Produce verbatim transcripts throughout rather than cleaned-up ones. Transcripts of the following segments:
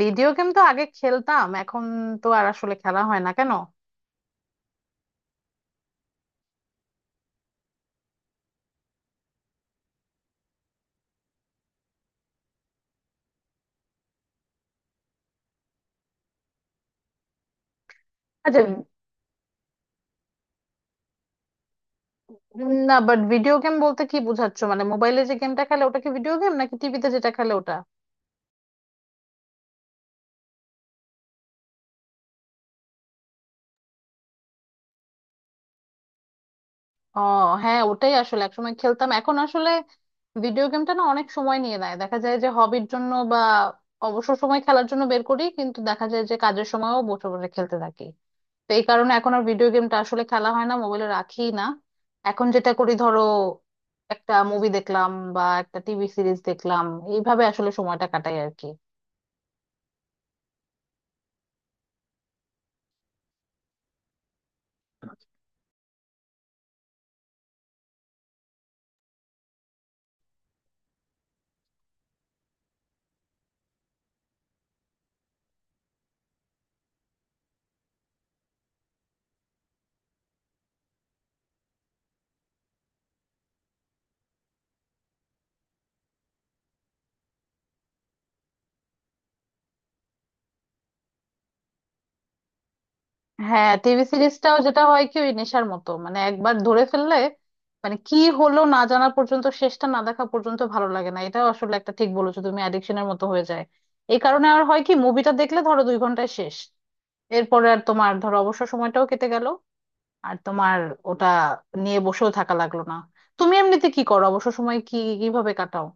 Video game তো আগে খেলতাম, এখন তো আর আসলে খেলা হয় না। কেন? আচ্ছা। উম, না, বাট ভিডিও গেম বলতে কি বোঝাচ্ছ? মানে মোবাইলে যে গেমটা খেলে ওটা কি ভিডিও গেম, নাকি টিভিতে যেটা খেলে ওটা? ও, হ্যাঁ, ওটাই আসলে একসময় খেলতাম, এখন আসলে ভিডিও গেমটা না অনেক সময় নিয়ে নেয়। দেখা যায় যে হবির জন্য বা অবসর সময় খেলার জন্য বের করি, কিন্তু দেখা যায় যে কাজের সময়ও বসে বসে খেলতে থাকি। তো এই কারণে এখন আর ভিডিও গেমটা আসলে খেলা হয় না, মোবাইলে রাখি না। এখন যেটা করি, ধরো একটা মুভি দেখলাম বা একটা টিভি সিরিজ দেখলাম, এইভাবে আসলে সময়টা কাটাই আর কি। হ্যাঁ, টিভি সিরিজটাও যেটা হয় কি, ওই নেশার মতো, মানে একবার ধরে ফেললে মানে কি হলো না জানা পর্যন্ত, শেষটা না দেখা পর্যন্ত ভালো লাগে না। এটাও আসলে একটা, ঠিক বলেছো তুমি, অ্যাডিকশনের মতো হয়ে যায়। এই কারণে আর হয় কি, মুভিটা দেখলে ধরো দুই ঘন্টায় শেষ, এরপরে আর তোমার ধরো অবসর সময়টাও কেটে গেল, আর তোমার ওটা নিয়ে বসেও থাকা লাগলো না। তুমি এমনিতে কি করো, অবসর সময় কি কিভাবে কাটাও?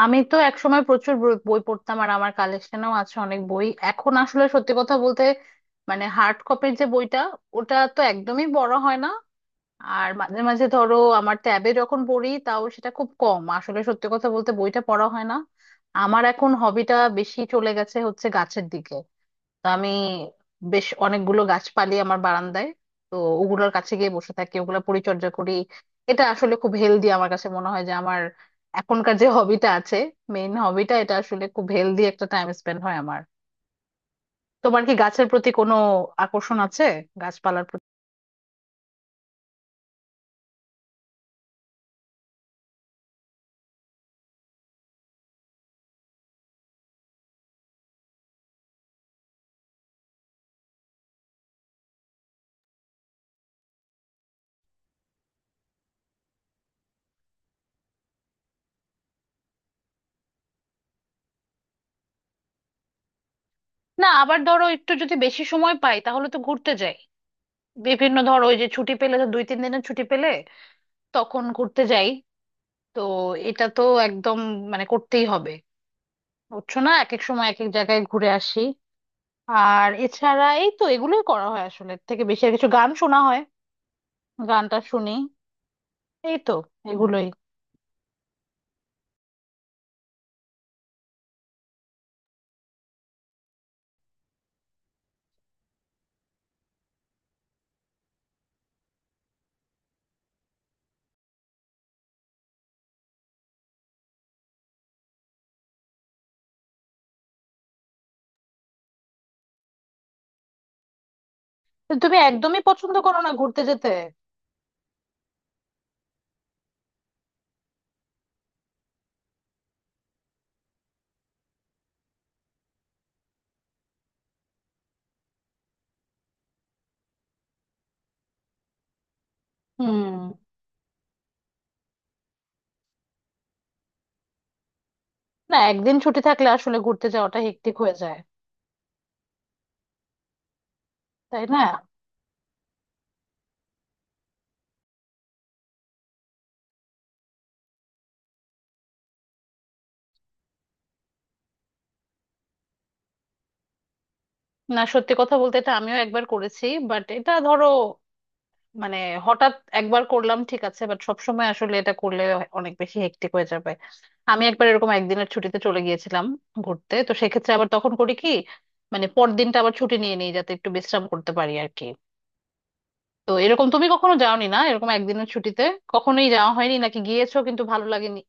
আমি তো একসময় প্রচুর বই বই পড়তাম, আর আমার কালেকশনেও আছে অনেক বই। এখন আসলে সত্যি কথা বলতে, মানে হার্ড কপির যে বইটা, ওটা তো একদমই বড় হয় না। আর মাঝে মাঝে ধরো আমার ট্যাবে যখন পড়ি, তাও সেটা খুব কম। আসলে সত্যি কথা বলতে বইটা পড়া হয় না। আমার এখন হবিটা বেশি চলে গেছে হচ্ছে গাছের দিকে। তা আমি বেশ অনেকগুলো গাছপালি আমার বারান্দায়, তো ওগুলোর কাছে গিয়ে বসে থাকি, ওগুলো পরিচর্যা করি। এটা আসলে খুব হেলদি আমার কাছে মনে হয় যে আমার এখনকার যে হবিটা আছে, মেইন হবিটা, এটা আসলে খুব হেলদি একটা টাইম স্পেন্ড হয় আমার। তোমার কি গাছের প্রতি কোনো আকর্ষণ আছে, গাছপালার প্রতি? না, আবার ধরো একটু যদি বেশি সময় পাই, তাহলে তো ঘুরতে যাই। বিভিন্ন, ধরো ওই যে ছুটি পেলে, তো দুই তিন দিনের ছুটি পেলে তখন ঘুরতে যাই। তো এটা তো একদম, মানে করতেই হবে, বুঝছো? না, এক এক সময় এক এক জায়গায় ঘুরে আসি। আর এছাড়া এই তো এগুলোই করা হয়। আসলে এর থেকে বেশি আর কিছু, গান শোনা হয়, গানটা শুনি, এই তো এগুলোই। তো তুমি একদমই পছন্দ করো না ঘুরতে যেতে? হুম। না, একদিন ছুটি থাকলে আসলে ঘুরতে যাওয়াটা হেক্টিক হয়ে যায়। তাই না? না, সত্যি কথা বলতে এটা আমিও একবার করেছি, বাট এটা ধরো মানে হঠাৎ একবার করলাম, ঠিক আছে, বাট সবসময় আসলে এটা করলে অনেক বেশি হেক্টিক হয়ে যাবে। আমি একবার এরকম একদিনের ছুটিতে চলে গিয়েছিলাম ঘুরতে, তো সেক্ষেত্রে আবার তখন করি কি, মানে পরদিনটা আবার ছুটি নিয়ে নিই যাতে একটু বিশ্রাম করতে পারি আর কি। তো এরকম তুমি কখনো যাওনি, না এরকম একদিনের ছুটিতে কখনোই যাওয়া হয়নি, নাকি গিয়েছো কিন্তু ভালো লাগেনি?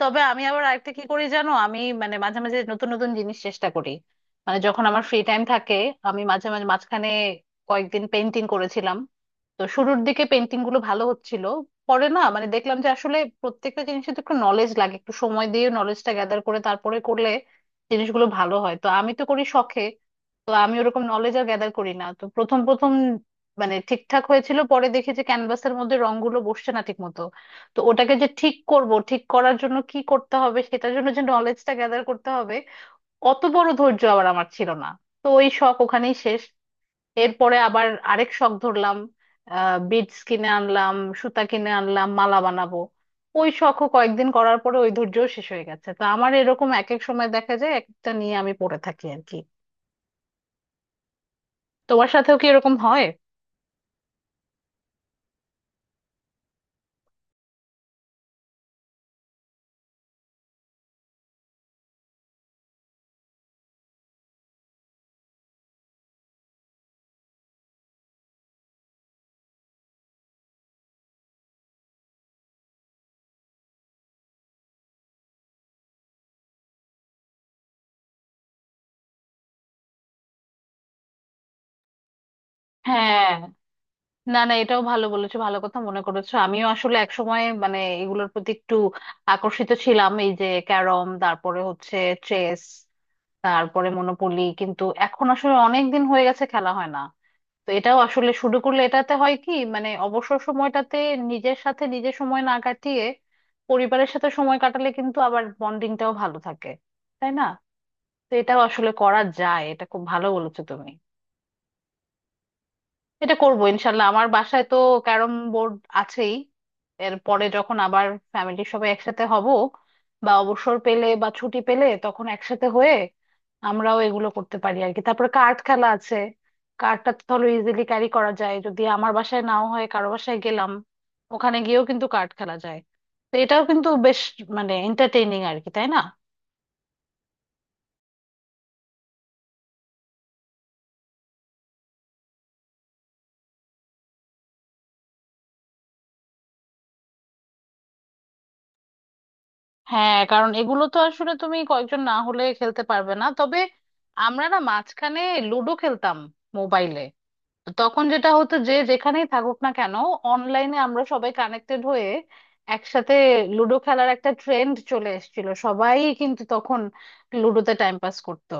তবে আমি আবার আরেকটা কি করি জানো, আমি মানে মাঝে মাঝে নতুন নতুন জিনিস চেষ্টা করি। মানে যখন আমার ফ্রি টাইম থাকে, আমি মাঝে মাঝে, মাঝখানে কয়েকদিন পেন্টিং করেছিলাম। তো শুরুর দিকে পেন্টিং গুলো ভালো হচ্ছিল, পরে না মানে দেখলাম যে আসলে প্রত্যেকটা জিনিসে তো একটু নলেজ লাগে, একটু সময় দিয়ে নলেজটা গ্যাদার করে তারপরে করলে জিনিসগুলো ভালো হয়। তো আমি তো করি শখে, তো আমি ওরকম নলেজ আর গ্যাদার করি না। তো প্রথম প্রথম মানে ঠিকঠাক হয়েছিল, পরে দেখি যে ক্যানভাসের মধ্যে রংগুলো বসছে না ঠিক মতো। তো ওটাকে যে ঠিক করব, ঠিক করার জন্য কি করতে হবে, সেটার জন্য যে নলেজটা গ্যাদার করতে হবে, অত বড় ধৈর্য আবার আমার ছিল না। তো ওই শখ ওখানেই শেষ। এরপরে আবার আরেক শখ ধরলাম, আহ বিডস কিনে আনলাম, সুতা কিনে আনলাম, মালা বানাবো। ওই শখও কয়েকদিন করার পরে ওই ধৈর্যও শেষ হয়ে গেছে। তো আমার এরকম এক এক সময় দেখা যায় একটা নিয়ে আমি পড়ে থাকি আর কি। তোমার সাথেও কি এরকম হয়? হ্যাঁ। না না, এটাও ভালো বলেছো, ভালো কথা মনে করেছো। আমিও আসলে একসময় মানে এগুলোর প্রতি একটু আকর্ষিত ছিলাম, এই যে ক্যারম, তারপরে হচ্ছে চেস, তারপরে মনোপলি, কিন্তু এখন আসলে অনেক দিন হয়ে গেছে খেলা হয় না। তো এটাও আসলে শুরু করলে এটাতে হয় কি, মানে অবসর সময়টাতে নিজের সাথে নিজে সময় না কাটিয়ে পরিবারের সাথে সময় কাটালে কিন্তু আবার বন্ডিংটাও ভালো থাকে, তাই না? তো এটাও আসলে করা যায়, এটা খুব ভালো বলেছো তুমি। এটা করবো ইনশাল্লাহ। আমার বাসায় তো ক্যারম বোর্ড আছেই। এরপরে যখন আবার ফ্যামিলির সবাই একসাথে হব বা অবসর পেলে বা ছুটি পেলে, তখন একসাথে হয়ে আমরাও এগুলো করতে পারি আর কি। তারপরে কার্ড খেলা আছে, কার্ডটা তো ধরো ইজিলি ক্যারি করা যায়। যদি আমার বাসায় নাও হয়, কারো বাসায় গেলাম, ওখানে গিয়েও কিন্তু কার্ড খেলা যায়। তো এটাও কিন্তু বেশ, মানে এন্টারটেইনিং আর কি, তাই না? হ্যাঁ, কারণ এগুলো তো আসলে তুমি কয়েকজন না হলে খেলতে পারবে না। তবে আমরা না মাঝখানে লুডো খেলতাম মোবাইলে। তখন যেটা হতো যে যেখানেই থাকুক না কেন, অনলাইনে আমরা সবাই কানেক্টেড হয়ে একসাথে লুডো খেলার একটা ট্রেন্ড চলে এসেছিল, সবাই কিন্তু তখন লুডোতে টাইম পাস করতো।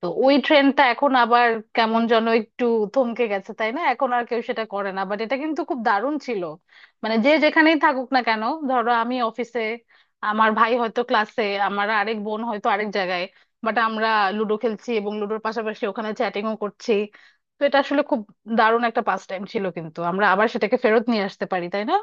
তো ওই ট্রেন্ডটা এখন আবার কেমন যেন একটু থমকে গেছে তাই না, এখন আর কেউ সেটা করে না, বাট এটা কিন্তু খুব দারুণ ছিল। মানে যে যেখানেই থাকুক না কেন, ধরো আমি অফিসে, আমার ভাই হয়তো ক্লাসে, আমার আরেক বোন হয়তো আরেক জায়গায়, বাট আমরা লুডো খেলছি এবং লুডোর পাশাপাশি ওখানে চ্যাটিংও করছি। তো এটা আসলে খুব দারুণ একটা পাস টাইম ছিল, কিন্তু আমরা আবার সেটাকে ফেরত নিয়ে আসতে পারি, তাই না?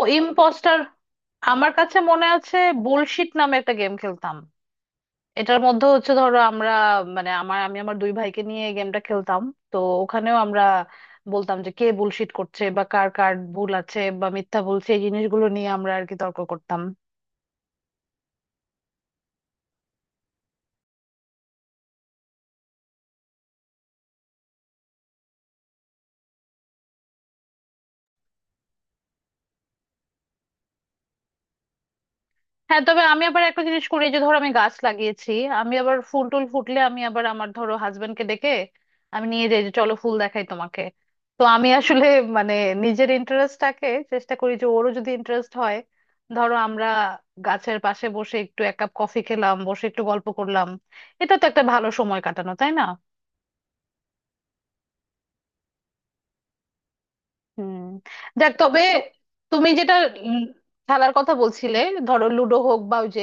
ও, ইম্পোস্টার আমার কাছে মনে আছে। বুলশিট নামে একটা গেম খেলতাম। এটার মধ্যে হচ্ছে ধরো আমরা, মানে আমার আমি আমার দুই ভাইকে নিয়ে গেমটা খেলতাম। তো ওখানেও আমরা বলতাম যে কে বুলশিট করছে বা কার কার ভুল আছে বা মিথ্যা বলছে, এই জিনিসগুলো নিয়ে আমরা আর কি তর্ক করতাম। হ্যাঁ তবে আমি আবার একটা জিনিস করি, এই যে ধরো আমি গাছ লাগিয়েছি, আমি আবার ফুল টুল ফুটলে আমি আবার আমার ধরো হাজবেন্ডকে ডেকে আমি নিয়ে যাই যে চলো ফুল দেখাই তোমাকে। তো আমি আসলে মানে নিজের ইন্টারেস্টটাকে চেষ্টা করি যে ওরও যদি ইন্টারেস্ট হয়, ধরো আমরা গাছের পাশে বসে একটু এক কাপ কফি খেলাম, বসে একটু গল্প করলাম, এটা তো একটা ভালো সময় কাটানো, তাই না? হুম। যাক তবে, তুমি যেটা উম খেলার কথা বলছিলে, ধরো লুডো হোক বা ওই যে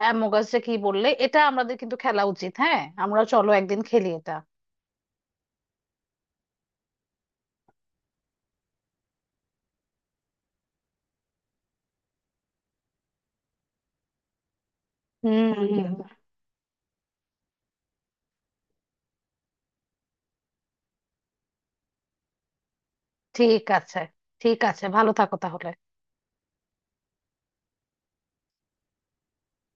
অ্যামোগাসটা কি বললে, এটা আমাদের কিন্তু খেলা উচিত। হ্যাঁ, আমরা চলো একদিন খেলি এটা। হুম হুম, হুম। ঠিক আছে। ঠিক আছে, ভালো থাকো তাহলে।